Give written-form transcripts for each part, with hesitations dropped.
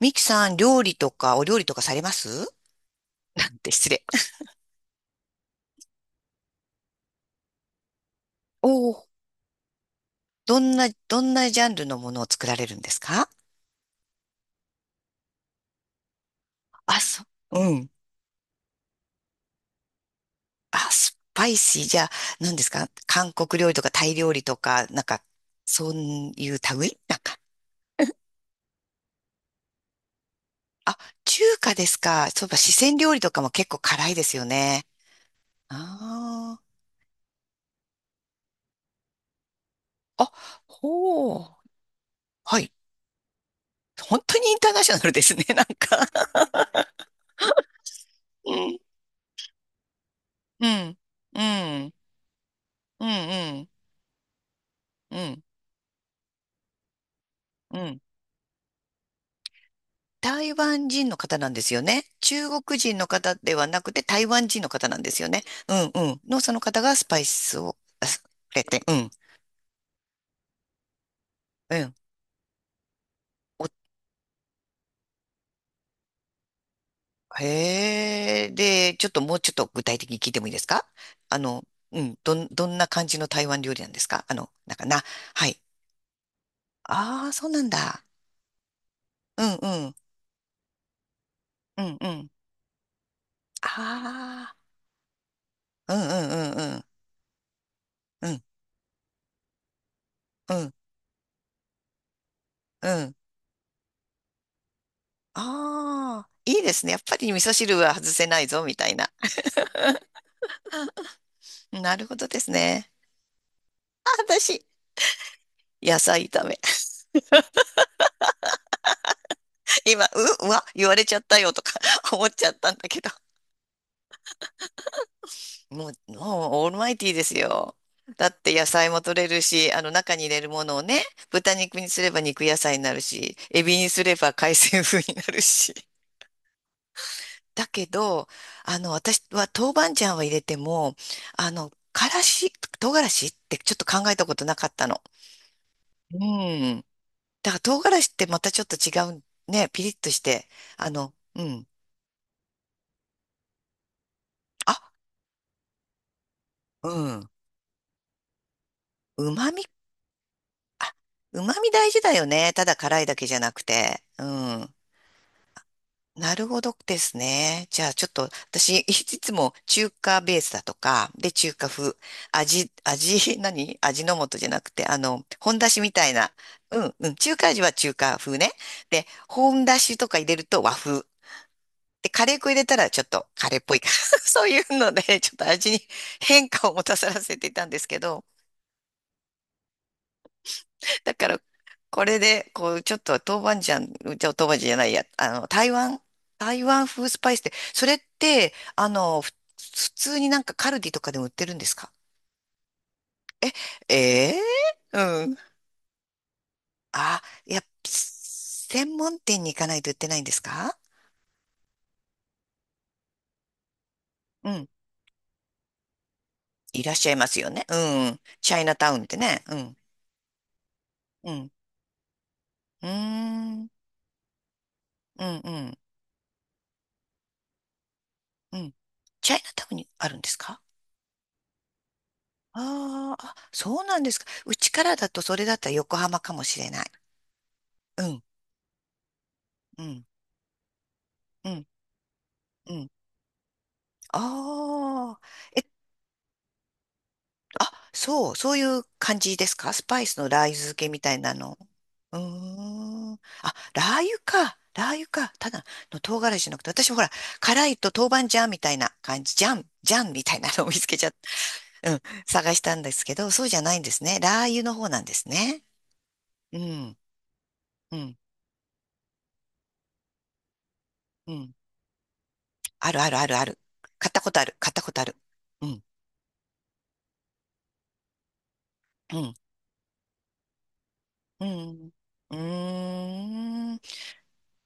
ミキさん、料理とか、お料理とかされますって失礼。おお、どんなジャンルのものを作られるんですか？あ、そうん。あ、スパイシー。じゃあ、何ですか？韓国料理とかタイ料理とか、なんか、そういう類なんか？あ、中華ですか？そういえば、四川料理とかも結構辛いですよね。ああ。あ、ほう。はい。本当にインターナショナルですね、なんか。うん。うん。うん。うん。うん。うん。うん。台湾人の方なんですよね。中国人の方ではなくて台湾人の方なんですよね。うんうん。のその方がスパイスをあすくれて、うん、うん。お、へえ、で、ちょっともうちょっと具体的に聞いてもいいですか？あの、うん、どんな感じの台湾料理なんですか？あの、なんかな、はい。ああ、そうなんだ。うんうん、うんうん。ああ、うんうんうんうん、うんうんうん。ああ、いいですね。やっぱり味噌汁は外せないぞ、みたいな。なるほどですね。あ、私、野菜炒め。今、うわ、言われちゃったよとか 思っちゃったんだけど。もうオールマイティーですよ。だって野菜も取れるし、あの中に入れるものをね、豚肉にすれば肉野菜になるし、エビにすれば海鮮風になるし。だけど、あの、私は豆板醤は入れても、あの、からし、唐辛子ってちょっと考えたことなかったの。うん。だから唐辛子ってまたちょっと違うね。ピリッとして。あの、うん。あ、うん。うまみ、うまみ大事だよね。ただ辛いだけじゃなくて。うん。なるほどですね。じゃあちょっと私、い つも中華ベースだとか、で、中華風、何味の素じゃなくて、あの、本だしみたいな。うん、うん。中華味は中華風ね。で、本だしとか入れると和風。で、カレー粉入れたらちょっとカレーっぽいか。そういうので、ちょっと味に変化を持たさらせていたんですけど、だからこれで、こう、ちょっと豆板醤、じゃあ豆板醤じゃないや、あの、台湾風スパイスって、それって、あの、普通になんかカルディとかでも売ってるんですか？ええ、うん。あ、いや専門店に行かないと売ってないんですか？うん。いらっしゃいますよね。うん。チャイナタウンってね。うん。うん。うーん。うんうん。うん。チャイナタウンにあるんですか？あーあ、そうなんですか。うちからだとそれだったら横浜かもしれない。うん、うん、うん、うん。ああ、え、あ、そう、そういう感じですか？スパイスのラー油漬けみたいなの。うーん。あ、ラー油か。ラー油か。ただの唐辛子じゃなくて、私ほら、辛いと豆板醤みたいな感じ、ジャンみたいなのを見つけちゃった。うん、探したんですけど、そうじゃないんですね。ラー油の方なんですね。うん、うん。うん。あるあるあるある。買ったことある。買ったことある。うん。うん。うん。うーん。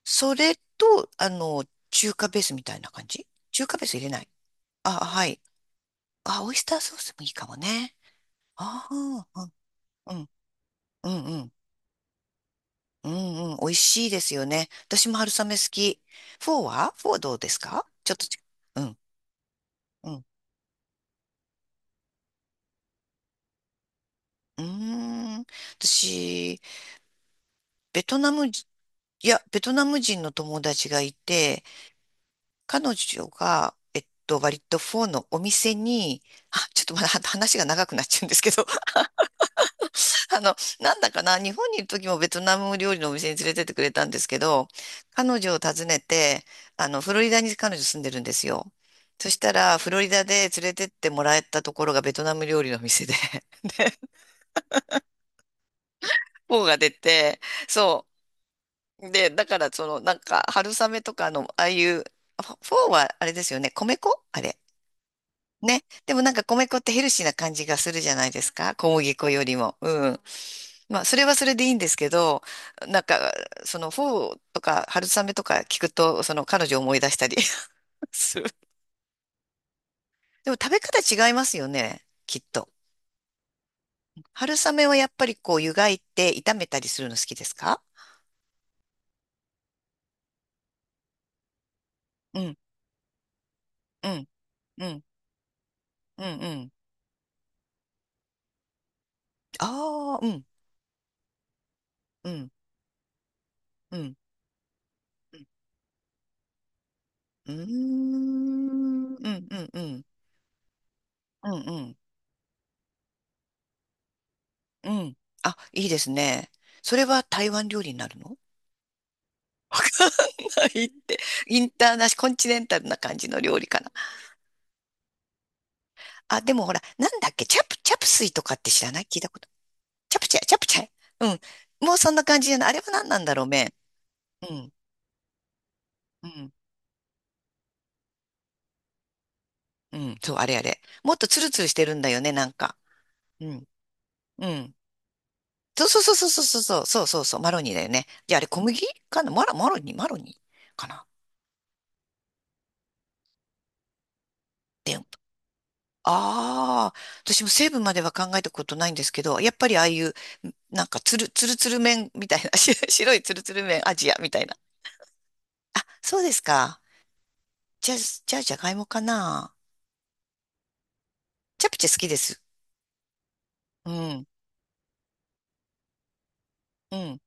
それと、あの、中華ベースみたいな感じ？中華ベース入れない？あ、はい。あ、オイスターソースもいいかもね。ああ、うん、うん、うん、うん、うん、うん。美味しいですよね。私も春雨好き。フォーはフォーどうですか？ちょっとち、うん、うん。うーん。私、ベトナム人、ベトナム人の友達がいて、彼女が、割とフォーのお店に、あ、ちょっとまだは話が長くなっちゃうんですけど、あの、なんだかな、日本にいる時もベトナム料理のお店に連れてってくれたんですけど、彼女を訪ねて、あの、フロリダに彼女住んでるんですよ。そしたら、フロリダで連れてってもらえたところがベトナム料理の店で、フォーが出て、そう。で、だから、その、なんか、春雨とかの、ああいう、フォーはあれですよね、米粉あれ。ね。でもなんか米粉ってヘルシーな感じがするじゃないですか。小麦粉よりも。うん。まあ、それはそれでいいんですけど、なんか、その、フォーとか春雨とか聞くと、その彼女を思い出したり する。でも食べ方違いますよね。きっと。春雨はやっぱりこう湯がいて炒めたりするの好きですか？うん、うん、うん、うん、うん。ああ、うん、うん、うん。うん、うーん、うん、うん、うん。うんうんうんうんああうんうんうんうんうんうんうんうんうんうんうん。あ、いいですね。それは台湾料理になるの？ ないって。インターナショ、コンチネンタルな感じの料理かな。あ、でもほら、なんだっけ、チャプスイとかって知らない？聞いたこと。チャプチャ。うん。もうそんな感じじゃない？あれは何なんだろう、麺。うん。うん。うん。そう、あれあれ。もっとツルツルしてるんだよね、なんか。うん。うん。そうそうそうそうそうそうそうそうそう、マロニーだよね。じゃああれ小麦かな、マロニーかな。で、ああ、私も成分までは考えたことないんですけど、やっぱりああいう、なんかつるつる麺みたいな、白いつるつる麺、アジアみたいな。あ、そうですか。じゃあ、じゃがいもかな。チャプチェ好きです。うん、うん。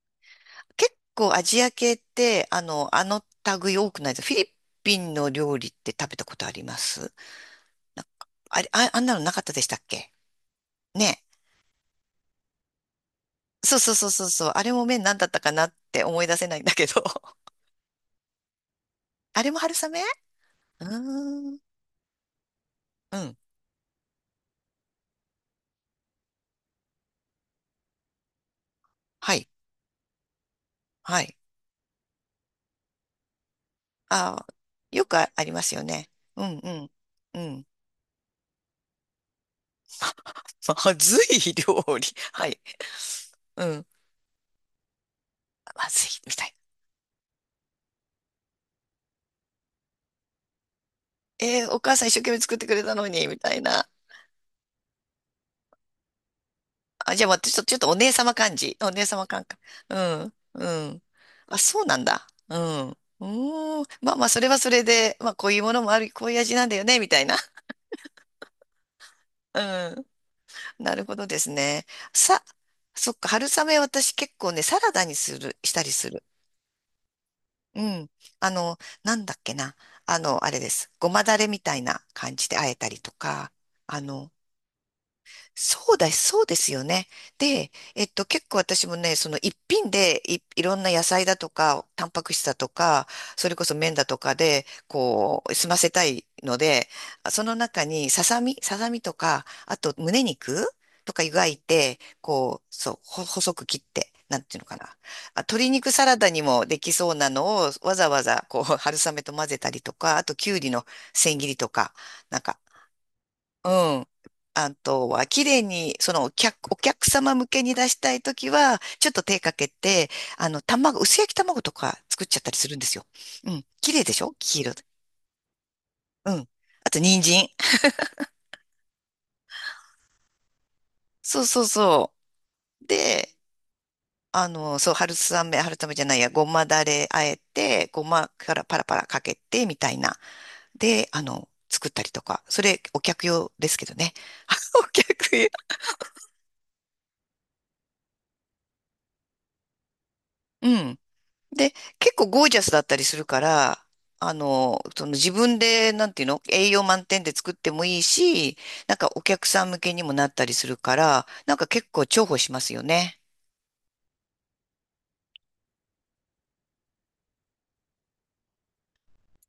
結構アジア系って、あの類多くないです？フィリピンの料理って食べたことあります？なんか、あれ、あ、あんなのなかったでしたっけ。ね。そうそうそうそうそう。あれも麺なんだったかなって思い出せないんだけど。あれも春雨？うーん。うん。はい。はい。ああ、よくありますよね。うんうん。うん。まずい料理。はい。うん。まずい、みたいな。えー、お母さん一生懸命作ってくれたのに、みたいな。あ、じゃあ私ちょっと、お姉様感じ。お姉様感覚。うん。うん。あ、そうなんだ。うん。うーん。まあまあ、それはそれで、まあ、こういうものもある、こういう味なんだよね、みたいな。うん。なるほどですね。さ、そっか、春雨私結構ね、サラダにしたりする。うん。あの、なんだっけな。あの、あれです。ごまだれみたいな感じで和えたりとか、あの、そうだ、そうですよね。で、結構私もね、その一品でいろんな野菜だとか、タンパク質だとか、それこそ麺だとかで、こう、済ませたいので、その中にささみとか、あと胸肉とか湯がいて、こう、そう、細く切って、なんていうのかな。あ、鶏肉サラダにもできそうなのを、わざわざ、こう、春雨と混ぜたりとか、あときゅうりの千切りとか、なんか、うん。あとは、綺麗に、そのお客様向けに出したいときは、ちょっと手かけて、あの、薄焼き卵とか作っちゃったりするんですよ。うん。綺麗でしょ、黄色で。うん。あと、人参。そうそうそう。で、あの、そう、春雨、春雨じゃないや、ごまだれあえて、ごまからパラパラかけて、みたいな。で、あの、作ったりとか。それ、お客用ですけどね。お客用。うん。で、結構ゴージャスだったりするから、あの、その自分で、なんていうの、栄養満点で作ってもいいし、なんかお客さん向けにもなったりするから、なんか結構重宝しますよね。